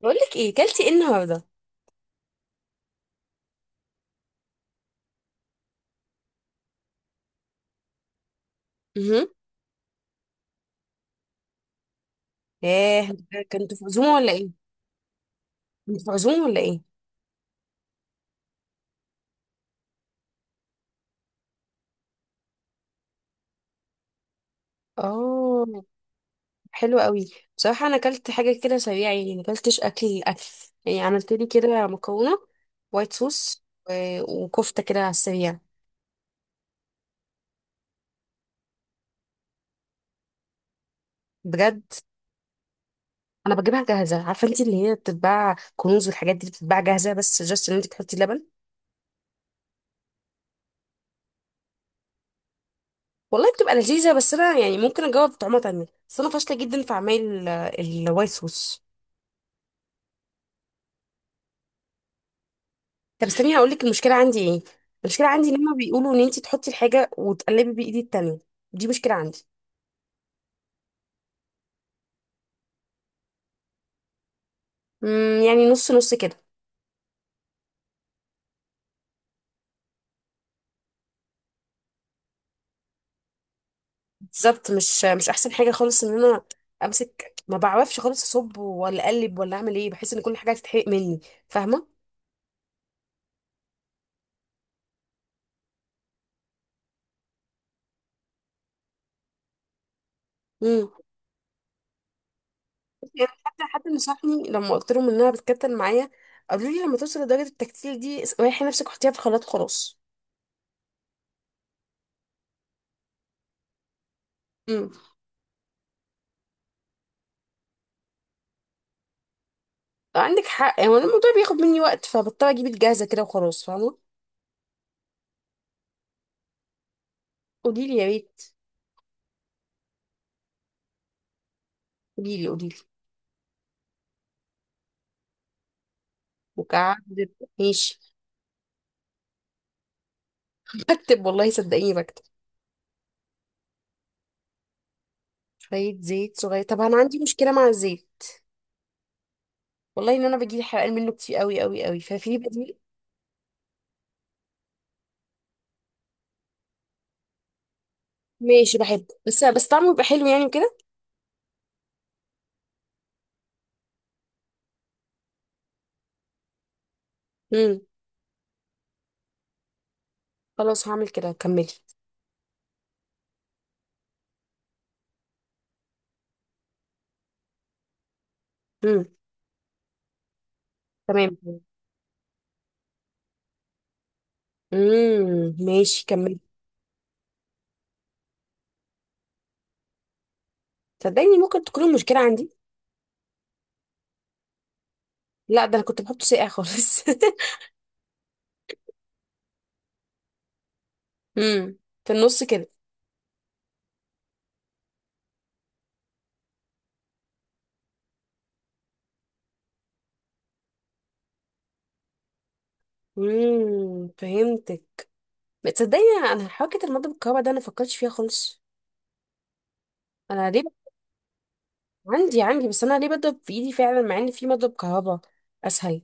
بقول لك ايه، كلتي ايه النهارده؟ امم. ياه. كنت في عزومه ولا ايه؟ كنت في عزومه ولا ايه؟ اه. حلو قوي. بصراحه انا كلت حاجه كده سريعه، يعني ما كلتش اكل اكل. يعني عملت لي كده مكرونه وايت صوص وكفته كده على السريع. بجد. انا بجيبها جاهزه، عارفه انت اللي هي بتتباع كنوز والحاجات دي بتتباع جاهزه، بس جاست ان انت تحطي لبن. والله بتبقى لذيذه، بس انا يعني ممكن اجاوب بطعمها تانية، بس انا فاشله جدا في اعمال الوايت صوص. طب استني هقول لك المشكله عندي ايه. المشكله عندي لما بيقولوا ان انت تحطي الحاجه وتقلبي بايدي التانية. دي مشكله عندي. امم، يعني نص نص كده. بالظبط، مش احسن حاجه خالص ان انا امسك، ما بعرفش خالص اصب ولا اقلب ولا اعمل ايه، بحس ان كل حاجه هتتحرق مني. فاهمه؟ امم. يعني حتى حد نصحني لما قلت لهم انها بتكتل معايا، قالوا لي لما توصل لدرجه التكتيل دي ريحي نفسك وحطيها في الخلاط وخلاص. امم. عندك حق، يعني الموضوع بياخد مني وقت فبضطر اجيب الجاهزه كده وخلاص، فاهمه؟ قولي لي يا ريت. قوليلي قوليلي. وكعدد. ماشي. بكتب، والله صدقيني بكتب. شوية زيت صغير، طب أنا عندي مشكلة مع الزيت. والله إن أنا بجيب حرقان منه كتير قوي قوي قوي، ففي بديل؟ ماشي، بحبه، بس طعمه يبقى حلو يعني وكده. امم. خلاص هعمل كده، كملي. امم. تمام. امم، ماشي، كملي. صدقيني ممكن تكون المشكلة عندي. لا ده أنا كنت بحطه ساقع خالص. امم. في النص كده. امم، فهمتك. تصدقني، انا حركه المضرب الكهرباء ده انا فكرتش فيها خالص. انا ليه؟ عندي، عندي، بس انا ليه بضرب في ايدي فعلا مع ان في مضرب كهرباء اسهل؟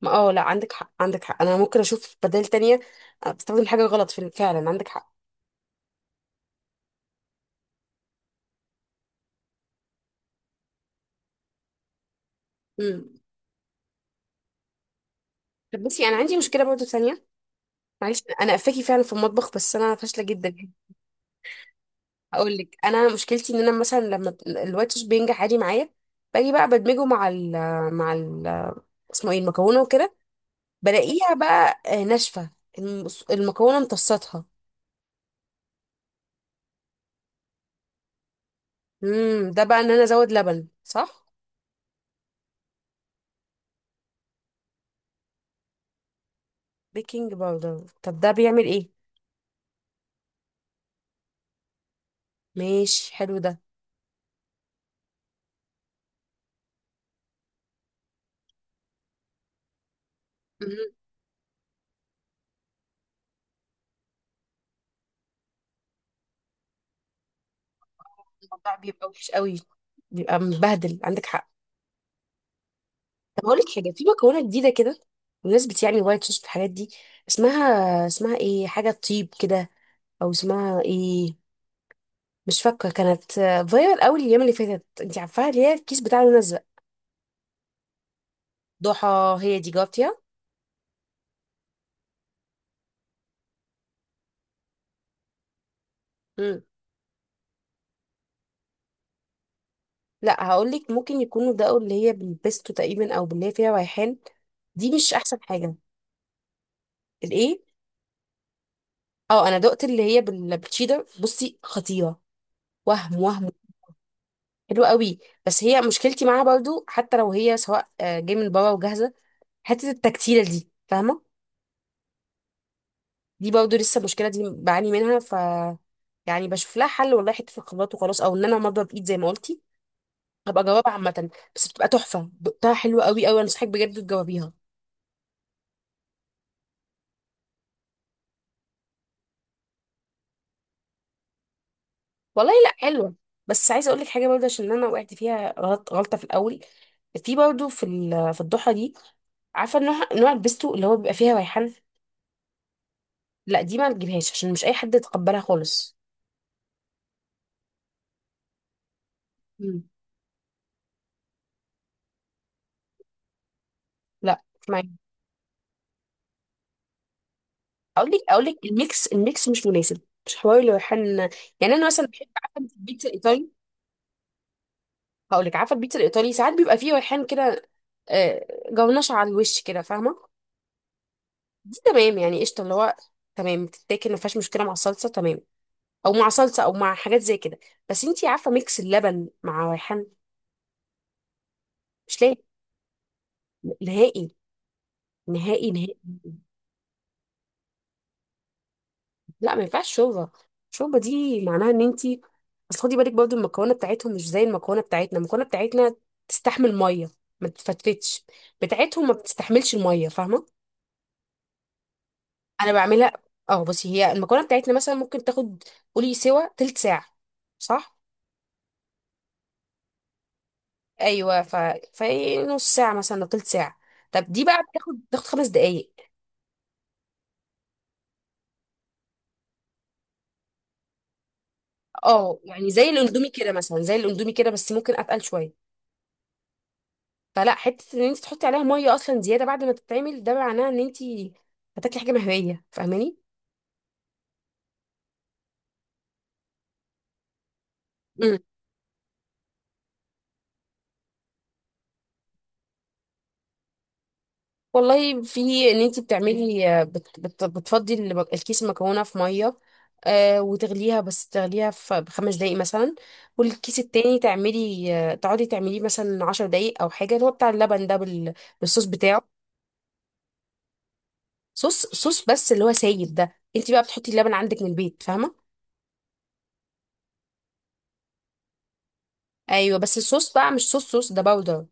ما اه، لا، عندك حق عندك حق، انا ممكن اشوف بدائل تانية. بستخدم حاجه غلط في، فعلا عندك حق. امم. طب بصي انا عندي مشكله برضه تانية. معلش انا قفاكي فعلا في المطبخ بس انا فاشله جدا. هقول لك انا مشكلتي ان انا مثلا لما الوايت صوص بينجح عادي معايا، باجي بقى بدمجه مع ال اسمه ايه المكرونه وكده، بلاقيها بقى ناشفه. المكرونه امتصتها. امم، ده بقى ان انا ازود لبن، صح؟ بيكنج باودر، طب ده بيعمل ايه؟ ماشي حلو ده. مم. الموضوع بيبقى وحش قوي، بيبقى مبهدل، عندك حق. طب هقول لك حاجه، في مكرونه جديده كده بمناسبه يعني وايت صوص والحاجات دي. اسمها ايه؟ حاجه طيب كده. او اسمها ايه؟ مش فاكره كانت. فايرال قوي الايام اللي فاتت، انت عارفاها، اللي هي الكيس بتاع لون ازرق. ضحى، هي دي، جاوبتيها؟ امم. لا، هقول لك ممكن يكونوا ده اللي هي بالبيستو تقريبا او باللي هي فيها ريحان، دي مش احسن حاجه. الايه؟ اه، انا دقت اللي هي بالتشيدر، بصي خطيره. وهم وهم. حلو قوي. بس هي مشكلتي معاها برضو، حتى لو هي سواء جاي من بره وجاهزه، حته التكتيله دي، فاهمه؟ دي برضو لسه المشكله دي بعاني منها، ف يعني بشوف لها حل والله، حته في الخبرات وخلاص، او ان انا مضرب بايد زي ما قلتي، هبقى اجاوبها عامه. بس بتبقى تحفه، دقتها حلوه قوي قوي، انصحك بجد تجاوبيها. والله لا، حلوه. بس عايزه اقول لك حاجه برضه عشان انا وقعت فيها غلط، غلطه في الاول، في برضه في في الضحى دي. عارفه نوع نوع البيستو اللي هو بيبقى فيها ريحان. لا دي ما تجيبهاش عشان مش اي حد يتقبلها خالص. مم. لا، اسمعي. اقول لك الميكس مش مناسب، مش حوالي ريحان. يعني انا مثلا بحب، عارفه انت البيتزا الايطالي؟ هقول لك عارفه البيتزا الايطالي ساعات بيبقى فيه ريحان كده آه، جونش على الوش كده، فاهمه؟ دي تمام يعني، قشطه اللي هو تمام، بتتاكل ما فيهاش مشكله مع الصلصه، تمام، او مع صلصه او مع حاجات زي كده. بس انتي عارفه ميكس اللبن مع ريحان مش لاقي، نهائي، نهائي نهائي. لا ما ينفعش شوربه. الشوربه دي معناها ان انت، اصل خدي بالك برضو المكونه بتاعتهم مش زي المكونه بتاعتنا. المكونه بتاعتنا تستحمل ميه، ما تفتفتش، بتاعتهم ما بتستحملش الميه، فاهمه؟ انا بعملها. اه بصي، هي المكونه بتاعتنا مثلا ممكن تاخد، قولي سوا تلت ساعه، صح؟ ايوه، ف في نص ساعه مثلا أو تلت ساعه. طب دي بقى بتاخد 5 دقايق. اه، يعني زي الاندومي كده مثلا، زي الاندومي كده بس ممكن اتقل شويه. فلا حته ان انت تحطي عليها ميه اصلا زياده بعد ما تتعمل ده معناه ان انت هتاكلي حاجه مهويه، فاهماني؟ امم. والله في ان انت بتعملي، بت بت بتفضي الكيس المكرونه في ميه وتغليها، بس تغليها في ب5 دقايق مثلا، والكيس التاني تعملي تقعدي تعمليه مثلا 10 دقايق او حاجه، اللي هو بتاع اللبن ده بالصوص بتاعه. صوص صوص، بس اللي هو سايب ده انت بقى بتحطي اللبن عندك من البيت، فاهمه؟ ايوه، بس الصوص بقى مش صوص صوص، ده باودر.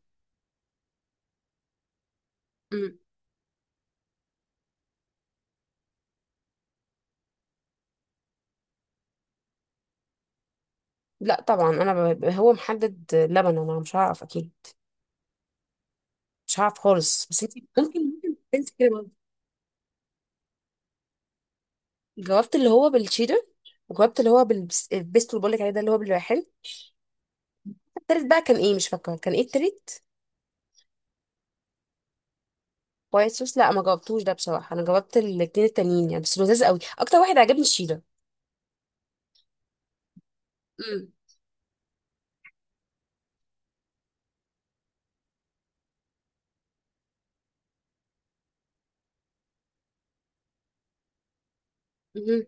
لا طبعا انا هو محدد لبن، انا مش هعرف اكيد، مش هعرف خالص، بس انت ممكن. ممكن انت كده برضه. جاوبت اللي هو بالشيدر، وجاوبت اللي هو البيستو اللي بقولك عليه، ده اللي هو بالريحان. التالت بقى كان ايه؟ مش فاكره كان ايه التالت. وايت صوص، لا ما جاوبتوش ده بصراحه، انا جاوبت الاتنين التانيين يعني، بس لذيذ قوي، اكتر واحد عجبني الشيدر. امم. امم.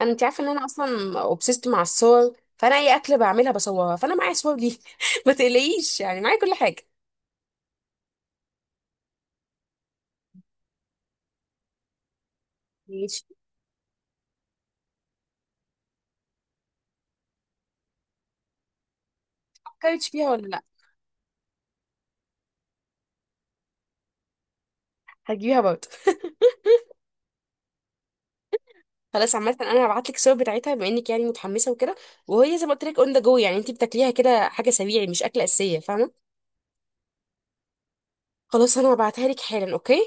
انا، انت عارفه ان انا اصلا اوبسيست مع الصور، فانا اي اكله بعملها بصورها، فانا معايا صور دي ما تقلقيش يعني معايا كل حاجه. ماشي. فكرتش فيها ولا لا؟ هجيبها برضه. خلاص، عامة انا هبعت لك الصور بتاعتها بما انك يعني متحمسة وكده. وهي زي ما قلت لك اون ذا جو، يعني انت بتاكليها كده حاجة سريعة مش أكلة أساسية، فاهمة؟ خلاص انا هبعتها لك حالا، اوكي؟